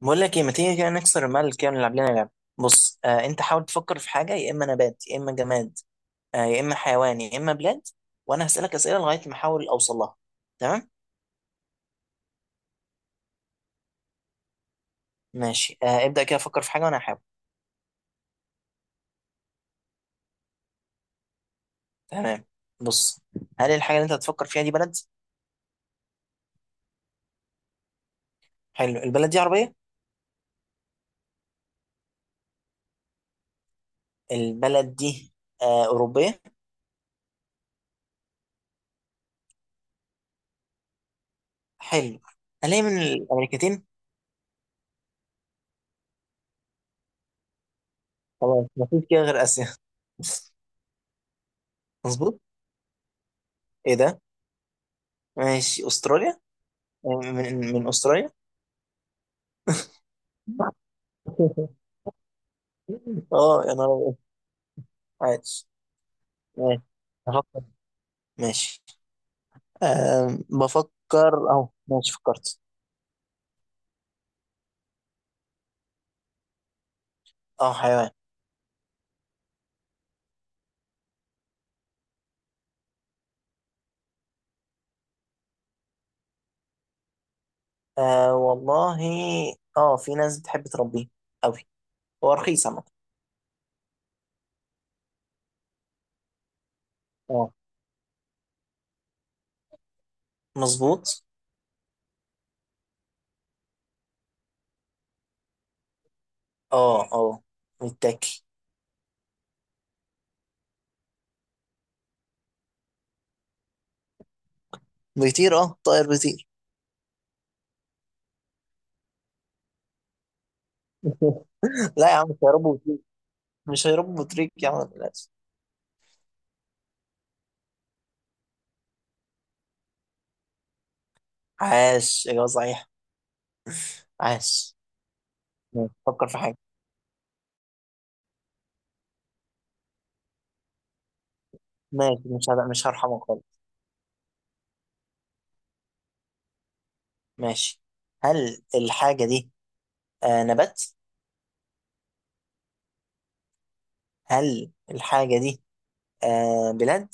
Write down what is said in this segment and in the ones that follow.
بقول لك ايه، ما تيجي كده نكسر الملل كده ونلعب لنا لعبة؟ بص، انت حاول تفكر في حاجة، يا اما نبات يا اما جماد، يا اما حيوان يا اما بلاد، وانا هسألك أسئلة لغاية ما احاول اوصل لها. تمام. ماشي، ابدأ كده، فكر في حاجة وانا هحاول. تمام، بص. هل الحاجة اللي انت هتفكر فيها دي بلد؟ حلو، البلد دي عربية؟ البلد دي أوروبية؟ حلو. هل هي من الأمريكتين؟ خلاص مفيش كده غير آسيا. مظبوط. ايه ده، ماشي أستراليا. من أستراليا. اه يا نهار أبيض. عادي، ماشي، بفكر، ماشي، أه بفكر اهو، ماشي فكرت. اه حيوان. أه والله، اه في ناس بتحب تربيه قوي، هو رخيص عامة. اه مظبوط. اه اه متاكل. بيطير، اه طائر بيطير. لا يا عم، مش هيربوا بطريق، مش هيربوا بطريق يا عم للاسف. عاش، اجابه صحيحه، عاش. ماشي. فكر في حاجه. ماشي، مش هبقى، مش هرحمك خالص. ماشي. هل الحاجه دي نبات؟ هل الحاجه دي بلاد؟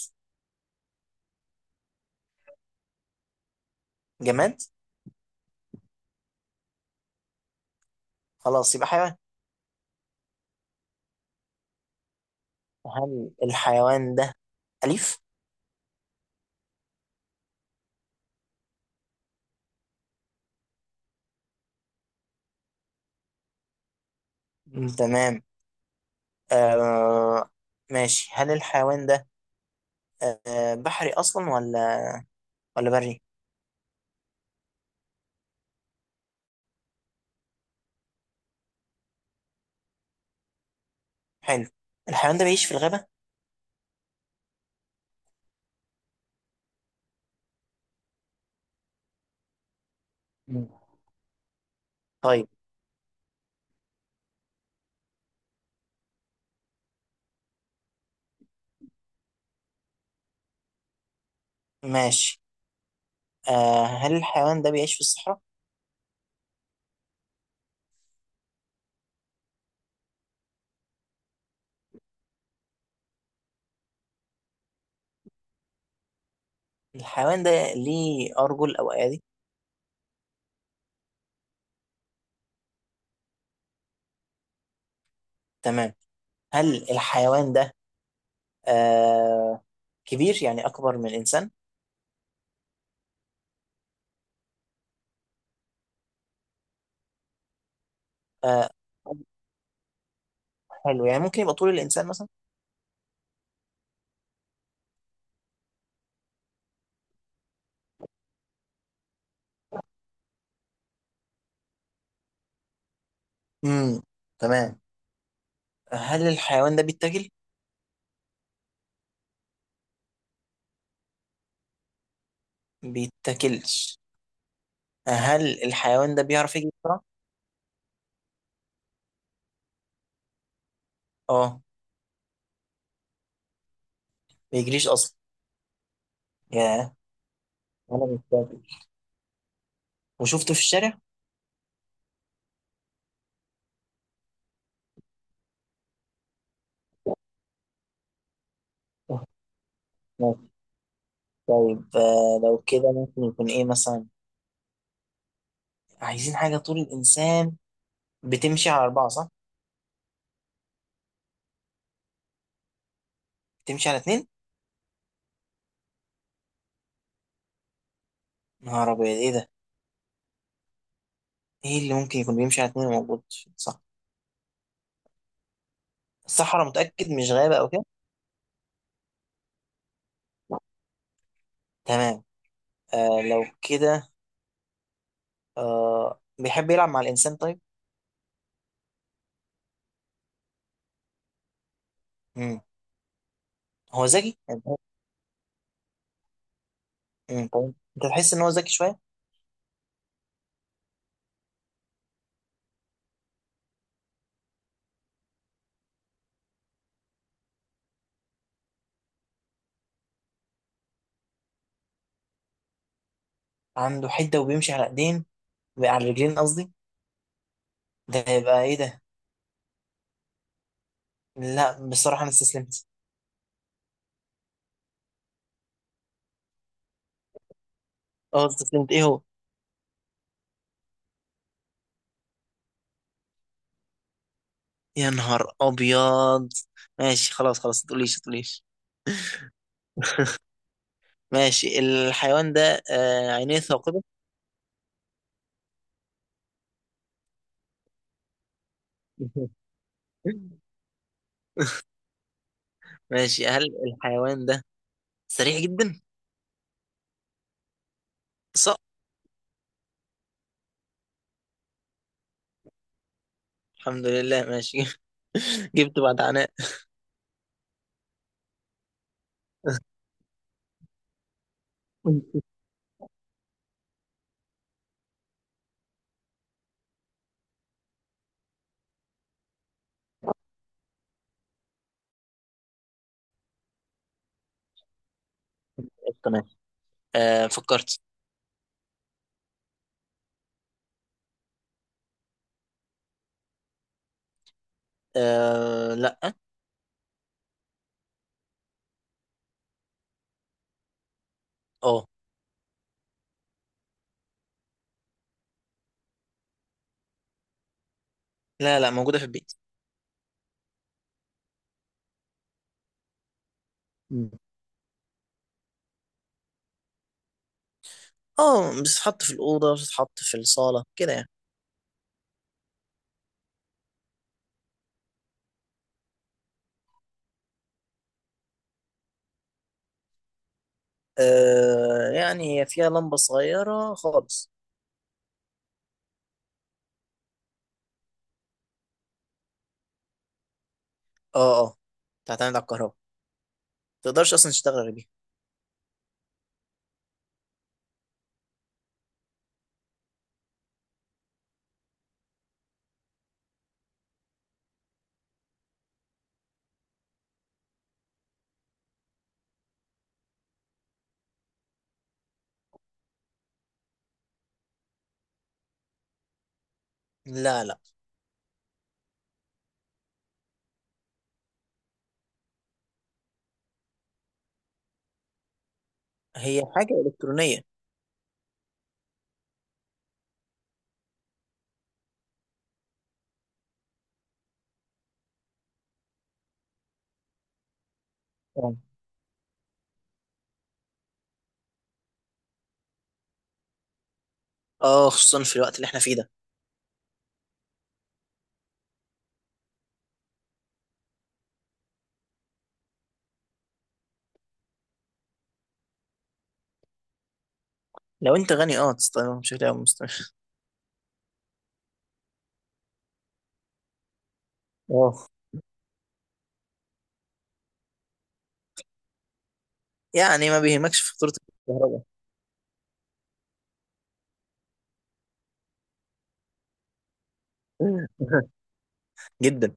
جماد؟ خلاص يبقى حيوان. هل الحيوان ده أليف؟ مم. تمام. آه ماشي، هل الحيوان ده بحري أصلا، ولا بري؟ حلو. الحيوان ده بيعيش في الغابة؟ مم. طيب، ماشي، هل الحيوان ده بيعيش في الصحراء؟ الحيوان ده ليه أرجل أو أيادي؟ تمام. هل الحيوان ده آه كبير، يعني أكبر من الإنسان؟ آه، حلو، يعني ممكن يبقى طول الإنسان مثلا؟ امم تمام. هل الحيوان ده بيتاكل؟ بيتاكلش. هل الحيوان ده بيعرف يجري بسرعة؟ اه بيجريش أصلا. ياه، ولا بيتاكل وشفته في الشارع؟ آه، ماشي. طيب، لو كده ممكن يكون ايه مثلا؟ عايزين حاجة طول الإنسان، بتمشي على أربعة صح؟ بتمشي على اتنين؟ نهار أبيض، ايه ده؟ ايه اللي ممكن يكون بيمشي على اتنين موجود؟ صح، الصحراء، متأكد مش غابة أو كده؟ تمام. لو كده، بيحب يلعب مع الإنسان طيب؟ مم. هو ذكي؟ مم. طيب. انت تحس ان هو ذكي شويه، عنده حده وبيمشي على ايدين، على الرجلين قصدي. ده هيبقى ايه ده؟ لا بصراحه انا استسلمت. اه استسلمت، ايه هو، يا نهار ابيض. ماشي، خلاص خلاص، ما تقوليش ما تقوليش. ماشي، الحيوان ده عينيه ثاقبه. ماشي، هل الحيوان ده سريع جدا؟ صح، الحمد لله، ماشي. جبت بعد عناء. قشطة، ماشي. آه فكرت. آه لا. اه. لا لا، موجوده في البيت. اه بتتحط في الأوضة، بتتحط في الصالة كده يعني. آه، يعني هي فيها لمبة صغيرة خالص. اه اه، تعتمد على الكهرباء، متقدرش أصلا تشتغل غير بيها. لا لا، هي حاجة إلكترونية. اه. آه، خصوصا في الوقت اللي احنا فيه ده. لو انت غني اه تستخدمها بشكل او مستمر. اه يعني ما بيهمكش فاتورة الكهرباء. جدا.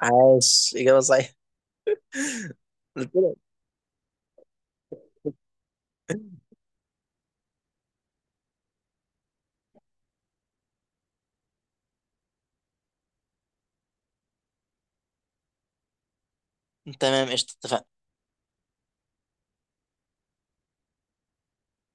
عاش إجابة صحيحة. قلت لك. تمام قشطة، اتفقنا.